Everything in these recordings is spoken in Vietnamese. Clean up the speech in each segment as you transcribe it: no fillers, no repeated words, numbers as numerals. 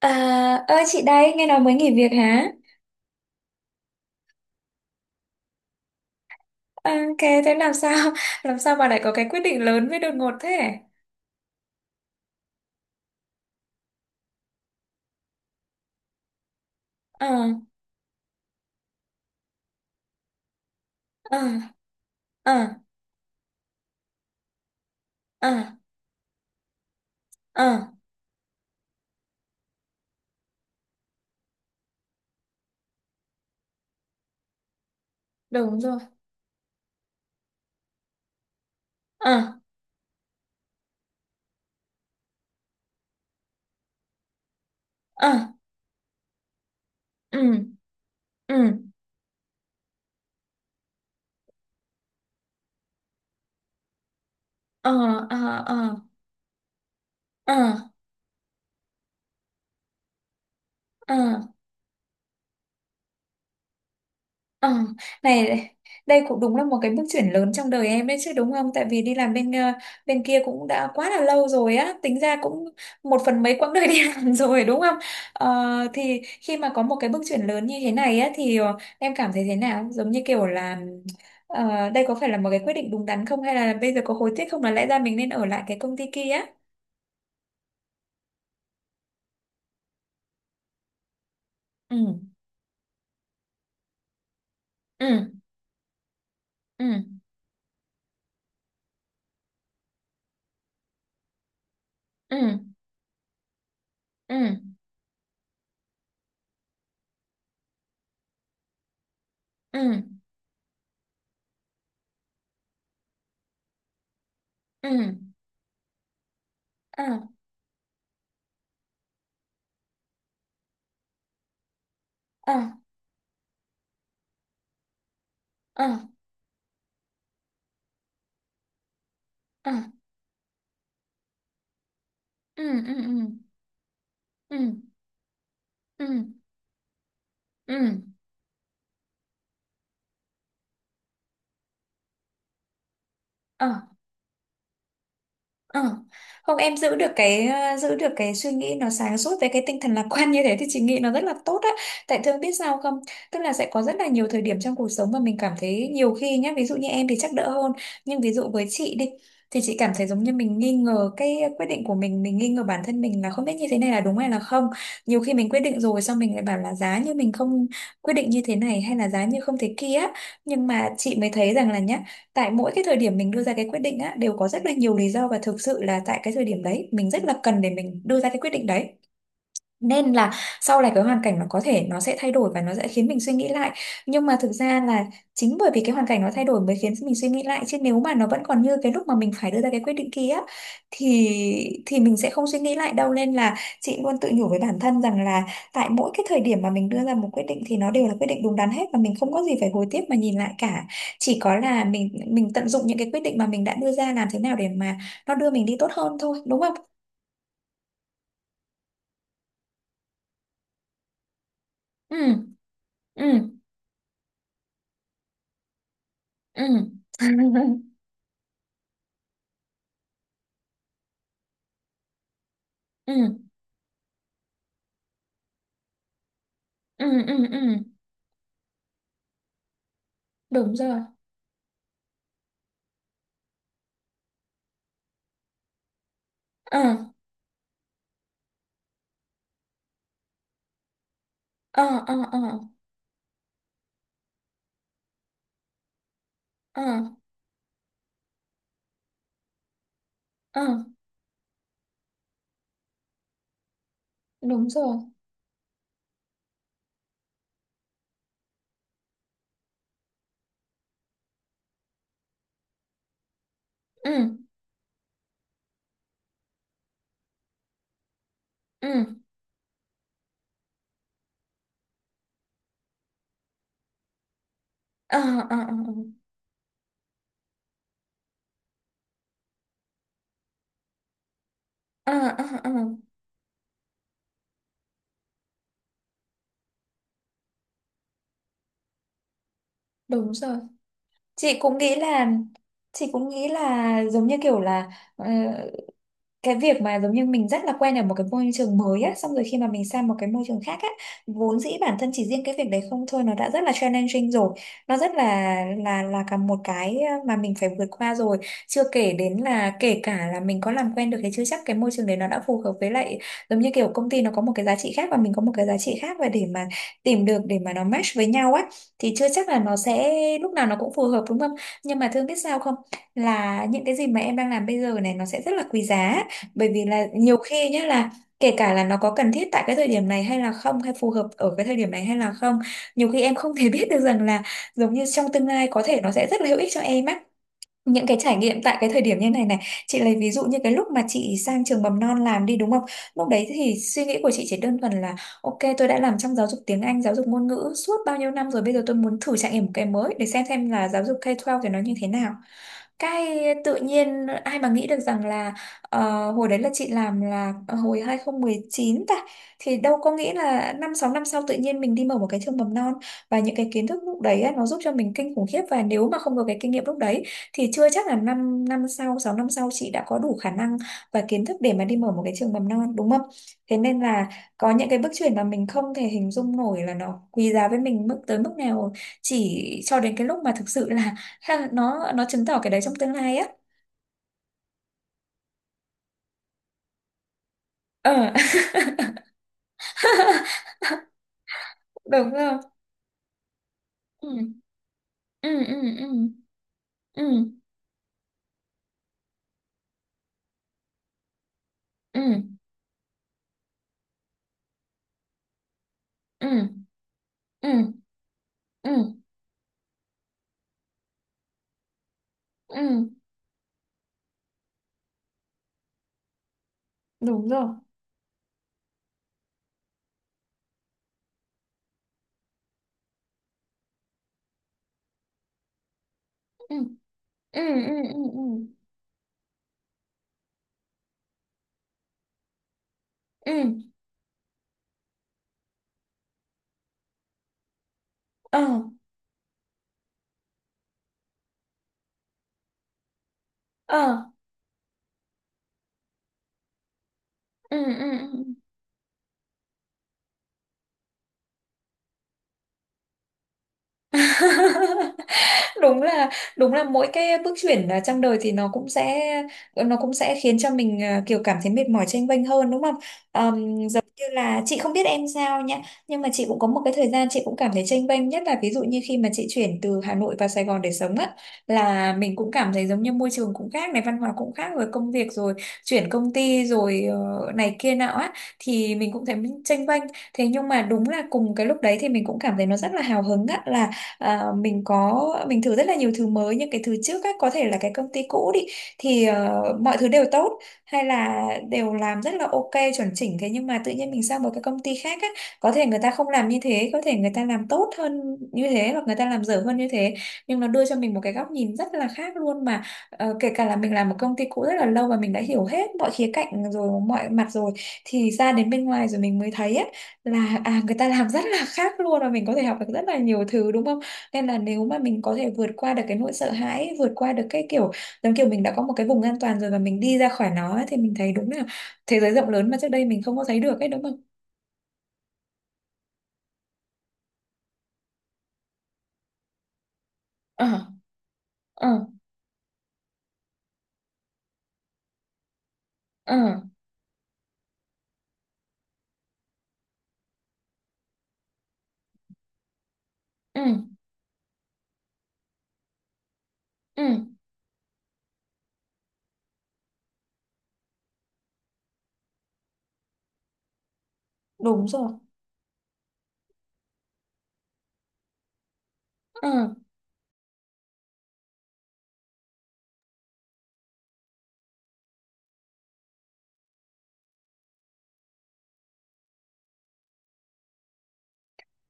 À, ơi chị đây, nghe nói mới nghỉ việc hả? Ok, thế làm sao? Làm sao bà lại có cái quyết định lớn với đột ngột thế? Ờ, ờ, ờ, ờ, ờ, đúng rồi. Ờ, ờ, ừ, ừ, ờ, ờ, ờ, ờ, ờ. Ờ, này đây cũng đúng là một cái bước chuyển lớn trong đời em đấy chứ đúng không? Tại vì đi làm bên bên kia cũng đã quá là lâu rồi á, tính ra cũng một phần mấy quãng đời đi làm rồi đúng không? Ờ, thì khi mà có một cái bước chuyển lớn như thế này á thì em cảm thấy thế nào? Giống như kiểu là đây có phải là một cái quyết định đúng đắn không, hay là bây giờ có hối tiếc không, là lẽ ra mình nên ở lại cái công ty kia á? Ừ. Ừ. Ừ. Ừ. Ừ. Ừ. Ừ. À. À. À. À. Ừ. Ừ. Ừ. ừ ừ ờ ờ Không, em giữ được cái giữ được cái suy nghĩ nó sáng suốt với cái tinh thần lạc quan như thế thì chị nghĩ nó rất là tốt á. Tại thường biết sao không, tức là sẽ có rất là nhiều thời điểm trong cuộc sống mà mình cảm thấy nhiều khi nhá, ví dụ như em thì chắc đỡ hơn, nhưng ví dụ với chị đi, thì chị cảm thấy giống như mình nghi ngờ cái quyết định của mình nghi ngờ bản thân mình, là không biết như thế này là đúng hay là không. Nhiều khi mình quyết định rồi, xong mình lại bảo là giá như mình không quyết định như thế này, hay là giá như không thế kia á. Nhưng mà chị mới thấy rằng là nhá, tại mỗi cái thời điểm mình đưa ra cái quyết định á, đều có rất là nhiều lý do, và thực sự là tại cái thời điểm đấy mình rất là cần để mình đưa ra cái quyết định đấy. Nên là sau này cái hoàn cảnh nó có thể nó sẽ thay đổi và nó sẽ khiến mình suy nghĩ lại, nhưng mà thực ra là chính bởi vì cái hoàn cảnh nó thay đổi mới khiến mình suy nghĩ lại, chứ nếu mà nó vẫn còn như cái lúc mà mình phải đưa ra cái quyết định kia á, thì thì mình sẽ không suy nghĩ lại đâu. Nên là chị luôn tự nhủ với bản thân rằng là tại mỗi cái thời điểm mà mình đưa ra một quyết định thì nó đều là quyết định đúng đắn hết, và mình không có gì phải hối tiếc mà nhìn lại cả. Chỉ có là mình tận dụng những cái quyết định mà mình đã đưa ra, làm thế nào để mà nó đưa mình đi tốt hơn thôi, đúng không? Ừ ừ ừ ừ ừ ừ ừ Đúng rồi. ờ ờ ờ ờ ờ ờ Đúng rồi. Ừ ừ ờ ờ ờ ờ ờ ờ, ờ. Đúng rồi. chị cũng nghĩ là chị cũng nghĩ là giống như kiểu là ờ, cái việc mà giống như mình rất là quen ở một cái môi trường mới á, xong rồi khi mà mình sang một cái môi trường khác á, vốn dĩ bản thân chỉ riêng cái việc đấy không thôi nó đã rất là challenging rồi. Nó rất là là cả một cái mà mình phải vượt qua rồi. Chưa kể đến là kể cả là mình có làm quen được thì chưa chắc cái môi trường đấy nó đã phù hợp với lại, giống như kiểu công ty nó có một cái giá trị khác và mình có một cái giá trị khác, và để mà tìm được để mà nó match với nhau á, thì chưa chắc là nó sẽ lúc nào nó cũng phù hợp, đúng không? Nhưng mà thương biết sao không, là những cái gì mà em đang làm bây giờ này nó sẽ rất là quý giá. Bởi vì là nhiều khi nhé, là kể cả là nó có cần thiết tại cái thời điểm này hay là không, hay phù hợp ở cái thời điểm này hay là không, nhiều khi em không thể biết được rằng là giống như trong tương lai có thể nó sẽ rất là hữu ích cho em á, những cái trải nghiệm tại cái thời điểm như này này. Chị lấy ví dụ như cái lúc mà chị sang trường mầm non làm đi, đúng không, lúc đấy thì suy nghĩ của chị chỉ đơn thuần là ok, tôi đã làm trong giáo dục tiếng Anh, giáo dục ngôn ngữ suốt bao nhiêu năm rồi, bây giờ tôi muốn thử trải nghiệm một cái mới để xem là giáo dục K-12 thì nó như thế nào. cái Tự nhiên ai mà nghĩ được rằng là hồi đấy là chị làm là hồi 2019 ta, thì đâu có nghĩ là năm sáu năm sau tự nhiên mình đi mở một cái trường mầm non. Và những cái kiến thức lúc đấy á, nó giúp cho mình kinh khủng khiếp, và nếu mà không có cái kinh nghiệm lúc đấy thì chưa chắc là 5 năm năm sau 6 năm sau chị đã có đủ khả năng và kiến thức để mà đi mở một cái trường mầm non, đúng không? Thế nên là có những cái bước chuyển mà mình không thể hình dung nổi là nó quý giá với mình tới mức nào, chỉ cho đến cái lúc mà thực sự là nó chứng tỏ cái đấy trong tương lai á. Ờ Đúng không? Ừ ừ ừ ừ ừ ừ ừ ừ ừ ừ Đúng rồi. Ừ ừ ừ ừ ừ ừ ờ ờ ừ ừ ừ Đúng là đúng là mỗi cái bước chuyển trong đời thì nó cũng sẽ khiến cho mình kiểu cảm thấy mệt mỏi, chênh vênh hơn, đúng không? Giống như là chị không biết em sao nhá, nhưng mà chị cũng có một cái thời gian chị cũng cảm thấy chênh vênh, nhất là ví dụ như khi mà chị chuyển từ Hà Nội vào Sài Gòn để sống á, là mình cũng cảm thấy giống như môi trường cũng khác này, văn hóa cũng khác, rồi công việc, rồi chuyển công ty, rồi này kia nọ á, thì mình cũng thấy mình chênh vênh. Thế nhưng mà đúng là cùng cái lúc đấy thì mình cũng cảm thấy nó rất là hào hứng á, là mình có mình thử rất là nhiều thứ mới. Nhưng cái thứ trước á, có thể là cái công ty cũ đi, thì mọi thứ đều tốt, hay là đều làm rất là ok, chuẩn chỉnh. Thế nhưng mà tự nhiên mình sang một cái công ty khác á, có thể người ta không làm như thế, có thể người ta làm tốt hơn như thế, hoặc người ta làm dở hơn như thế, nhưng nó đưa cho mình một cái góc nhìn rất là khác luôn mà. Kể cả là mình làm một công ty cũ rất là lâu và mình đã hiểu hết mọi khía cạnh rồi, mọi mặt rồi, thì ra đến bên ngoài rồi mình mới thấy á, là à người ta làm rất là khác luôn, và mình có thể học được rất là nhiều thứ, đúng không? Nên là nếu mà mình có thể vượt qua được cái nỗi sợ hãi, vượt qua được cái kiểu giống kiểu mình đã có một cái vùng an toàn rồi và mình đi ra khỏi nó ấy, thì mình thấy đúng là thế giới rộng lớn mà trước đây mình không có thấy được ấy, đúng không? ờ ờ ờ ừ ừ Đúng rồi. Ờ.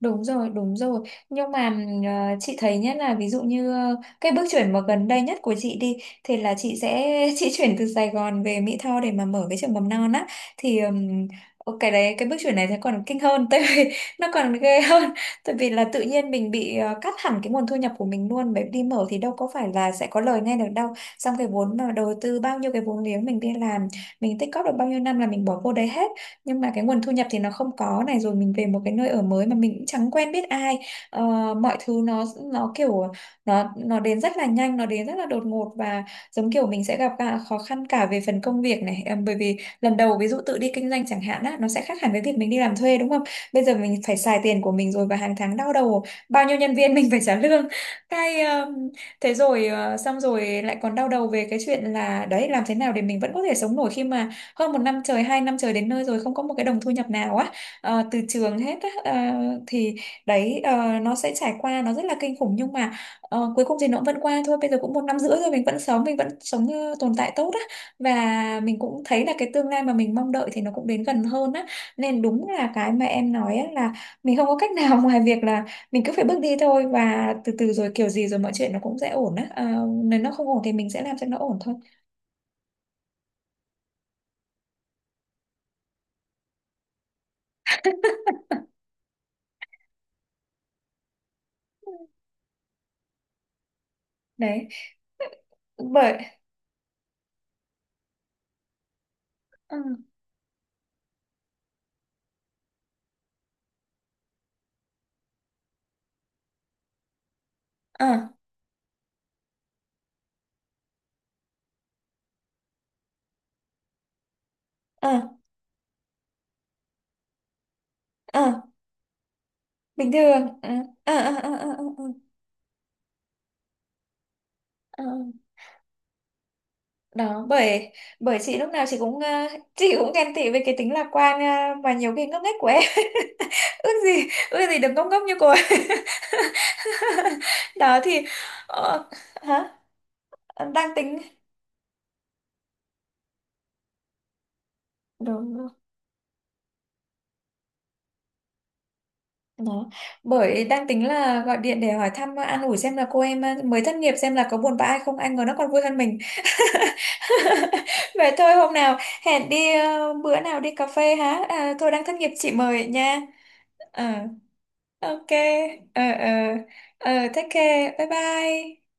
Đúng rồi, đúng rồi. Nhưng mà chị thấy nhất là ví dụ như cái bước chuyển mà gần đây nhất của chị đi, thì là chị sẽ chị chuyển từ Sài Gòn về Mỹ Tho để mà mở cái trường mầm non á. Thì cái đấy cái bước chuyển này thì còn kinh hơn, tại vì nó còn ghê hơn. Tại vì là tự nhiên mình bị cắt hẳn cái nguồn thu nhập của mình luôn, bởi đi mở thì đâu có phải là sẽ có lời ngay được đâu. Xong cái vốn mà đầu tư, bao nhiêu cái vốn liếng mình đi làm, mình tích cóp được bao nhiêu năm là mình bỏ vô đấy hết, nhưng mà cái nguồn thu nhập thì nó không có. Này rồi mình về một cái nơi ở mới mà mình cũng chẳng quen biết ai. Ờ, mọi thứ nó nó kiểu, nó đến rất là nhanh, nó đến rất là đột ngột, và giống kiểu mình sẽ gặp cả khó khăn cả về phần công việc này. Ờ, bởi vì lần đầu ví dụ tự đi kinh doanh chẳng hạn á, nó sẽ khác hẳn với việc mình đi làm thuê, đúng không, bây giờ mình phải xài tiền của mình rồi, và hàng tháng đau đầu bao nhiêu nhân viên mình phải trả lương. cái ờ, Thế rồi xong rồi lại còn đau đầu về cái chuyện là đấy, làm thế nào để mình vẫn có thể sống nổi khi mà hơn một năm trời, hai năm trời đến nơi rồi không có một cái đồng thu nhập nào á, từ trường hết á. Ờ, thì đấy, nó sẽ trải qua nó rất là kinh khủng, nhưng mà cuối cùng thì nó cũng vẫn qua thôi. Bây giờ cũng một năm rưỡi rồi mình vẫn sống, mình vẫn sống tồn tại tốt á, và mình cũng thấy là cái tương lai mà mình mong đợi thì nó cũng đến gần hơn á. Nên đúng là cái mà em nói á, là mình không có cách nào ngoài việc là mình cứ phải bước đi thôi, và từ từ rồi kiểu gì rồi mọi chuyện nó cũng sẽ ổn á. Ờ, nếu nó không ổn thì mình sẽ làm cho nó ổn thôi. Đấy bởi ừ. Ờ. ờ ờ Bình thường. Ờ ờ ờ ờ ờ ờ, ờ, ờ. Đó bởi bởi chị lúc nào chị cũng chị cũng ghen tị với cái tính lạc quan mà nhiều khi ngốc nghếch của em. Ước gì, ước gì được ngốc ngốc như cô ấy. Đó thì ờ, hả? Ờ, đang tính Đúng rồi. Đó bởi đang tính là gọi điện để hỏi thăm, an ủi xem là cô em mới thất nghiệp xem là có buồn bã hay không, anh ngờ nó còn vui hơn mình. Vậy thôi hôm nào hẹn đi, bữa nào đi cà phê hả, à, tôi đang thất nghiệp, chị mời nha. ờ ok. ờ ờ Take care, bye bye.